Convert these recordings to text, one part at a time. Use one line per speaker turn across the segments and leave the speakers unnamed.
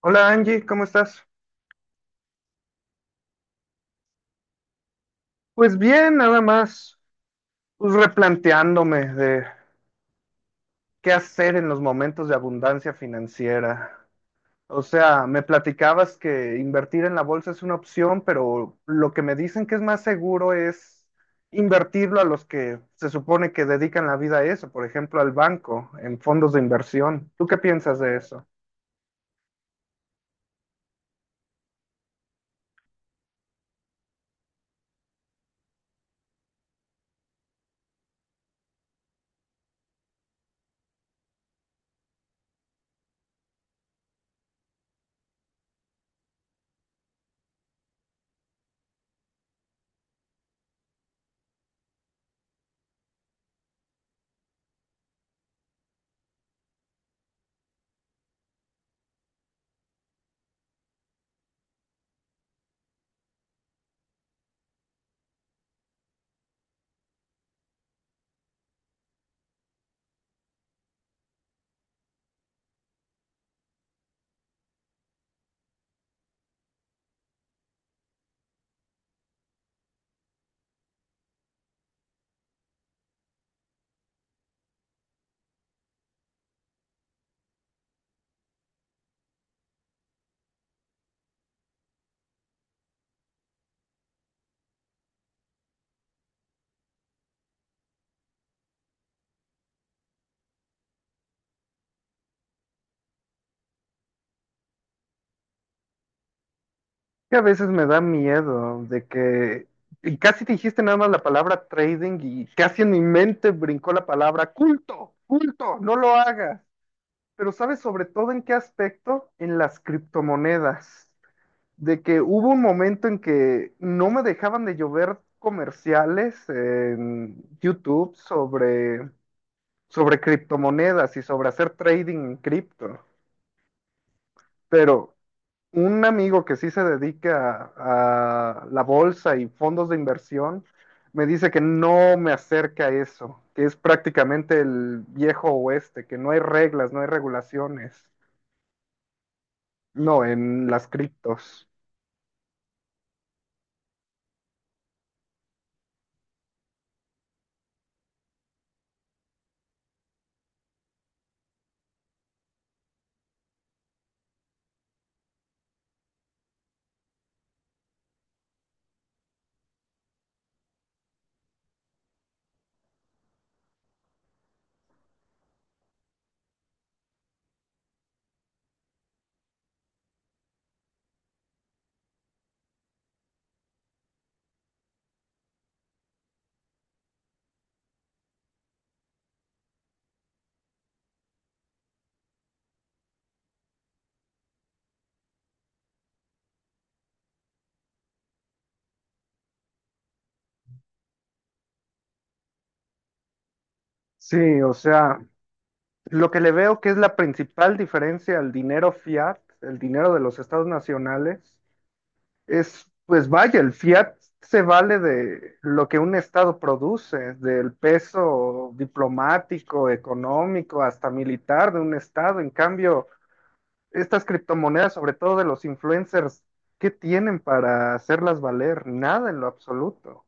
Hola Angie, ¿cómo estás? Pues bien, nada más, pues replanteándome de qué hacer en los momentos de abundancia financiera. O sea, me platicabas que invertir en la bolsa es una opción, pero lo que me dicen que es más seguro es invertirlo a los que se supone que dedican la vida a eso, por ejemplo, al banco, en fondos de inversión. ¿Tú qué piensas de eso? Que a veces me da miedo de que y casi dijiste nada más la palabra trading y casi en mi mente brincó la palabra culto, culto, no lo hagas. Pero ¿sabes sobre todo en qué aspecto? En las criptomonedas. De que hubo un momento en que no me dejaban de llover comerciales en YouTube sobre criptomonedas y sobre hacer trading en cripto. Pero un amigo que sí se dedica a la bolsa y fondos de inversión me dice que no me acerca a eso, que es prácticamente el viejo oeste, que no hay reglas, no hay regulaciones. No, en las criptos. Sí, o sea, lo que le veo que es la principal diferencia al dinero fiat, el dinero de los estados nacionales, es, pues vaya, el fiat se vale de lo que un estado produce, del peso diplomático, económico, hasta militar de un estado. En cambio, estas criptomonedas, sobre todo de los influencers, ¿qué tienen para hacerlas valer? Nada en lo absoluto.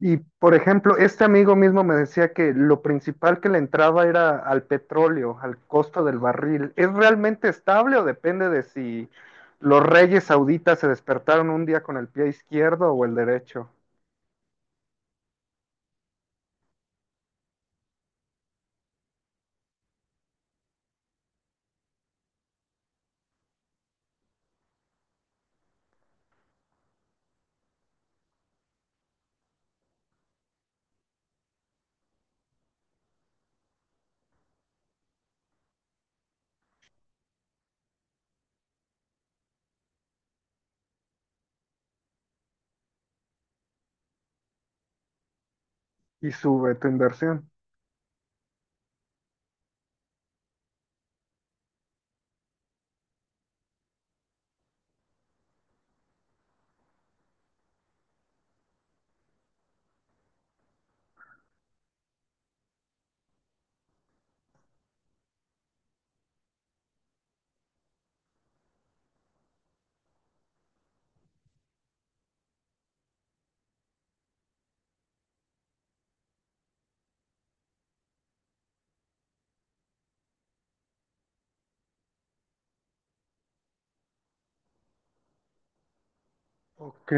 Y por ejemplo, este amigo mismo me decía que lo principal que le entraba era al petróleo, al costo del barril. ¿Es realmente estable o depende de si los reyes sauditas se despertaron un día con el pie izquierdo o el derecho y sube tu inversión? Ok.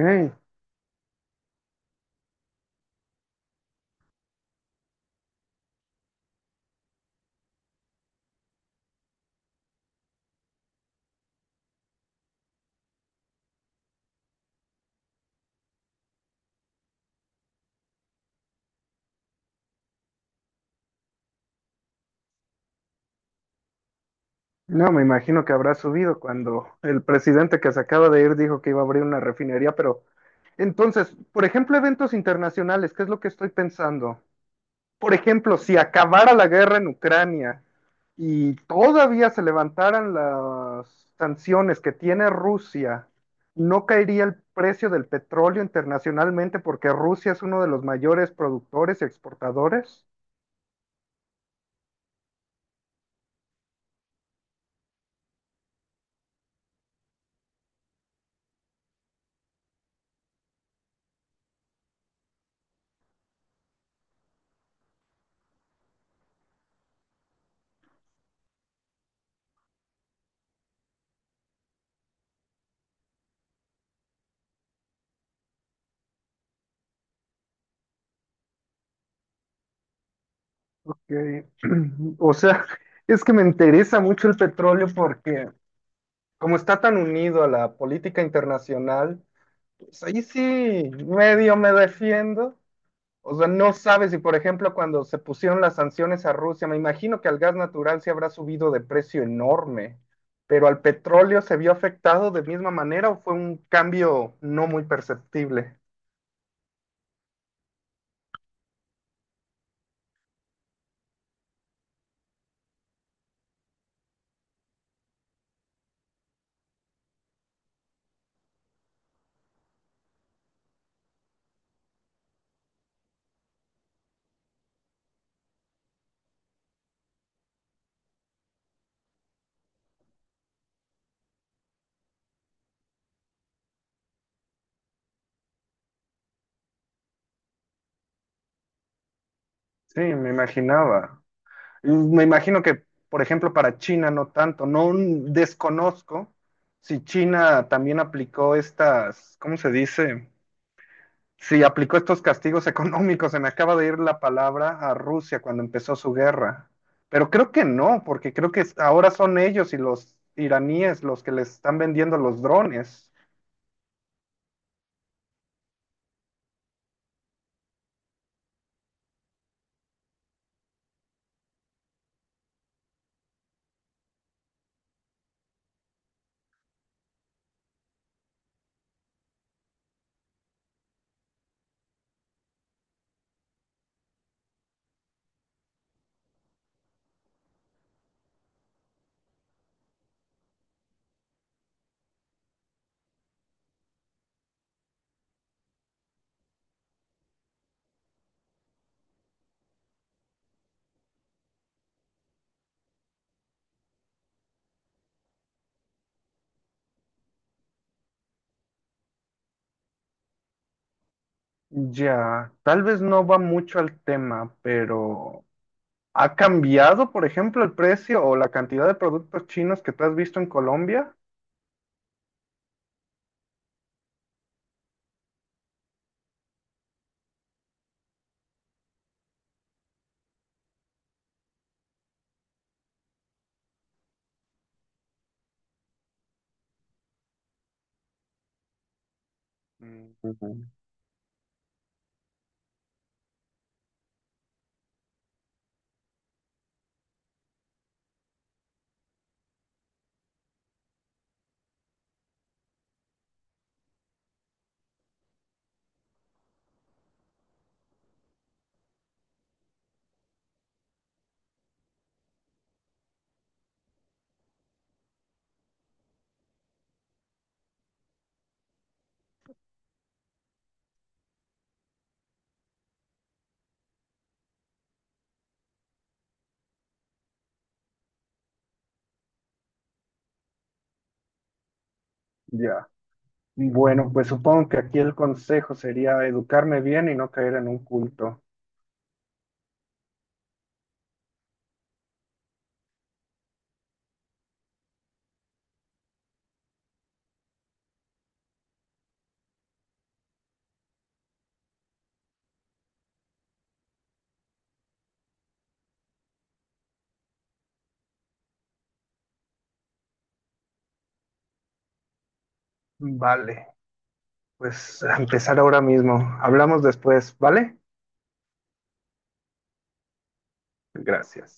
No, me imagino que habrá subido cuando el presidente que se acaba de ir dijo que iba a abrir una refinería, pero entonces, por ejemplo, eventos internacionales, ¿qué es lo que estoy pensando? Por ejemplo, si acabara la guerra en Ucrania y todavía se levantaran las sanciones que tiene Rusia, no caería el precio del petróleo internacionalmente porque Rusia es uno de los mayores productores y exportadores. Ok. O sea, es que me interesa mucho el petróleo porque como está tan unido a la política internacional, pues ahí sí medio me defiendo. O sea, no sabes si, por ejemplo, cuando se pusieron las sanciones a Rusia, me imagino que al gas natural se habrá subido de precio enorme, pero al petróleo se vio afectado de misma manera o fue un cambio no muy perceptible. Sí, me imaginaba. Y me imagino que, por ejemplo, para China no tanto. No desconozco si China también aplicó estas, ¿cómo se dice? Sí, aplicó estos castigos económicos. Se me acaba de ir la palabra a Rusia cuando empezó su guerra. Pero creo que no, porque creo que es- ahora son ellos y los iraníes los que les están vendiendo los drones. Ya, tal vez no va mucho al tema, pero ¿ha cambiado, por ejemplo, el precio o la cantidad de productos chinos que tú has visto en Colombia? Mm, ujú. Ya. Bueno, pues supongo que aquí el consejo sería educarme bien y no caer en un culto. Vale. Pues a empezar ahora mismo. Hablamos después, ¿vale? Gracias.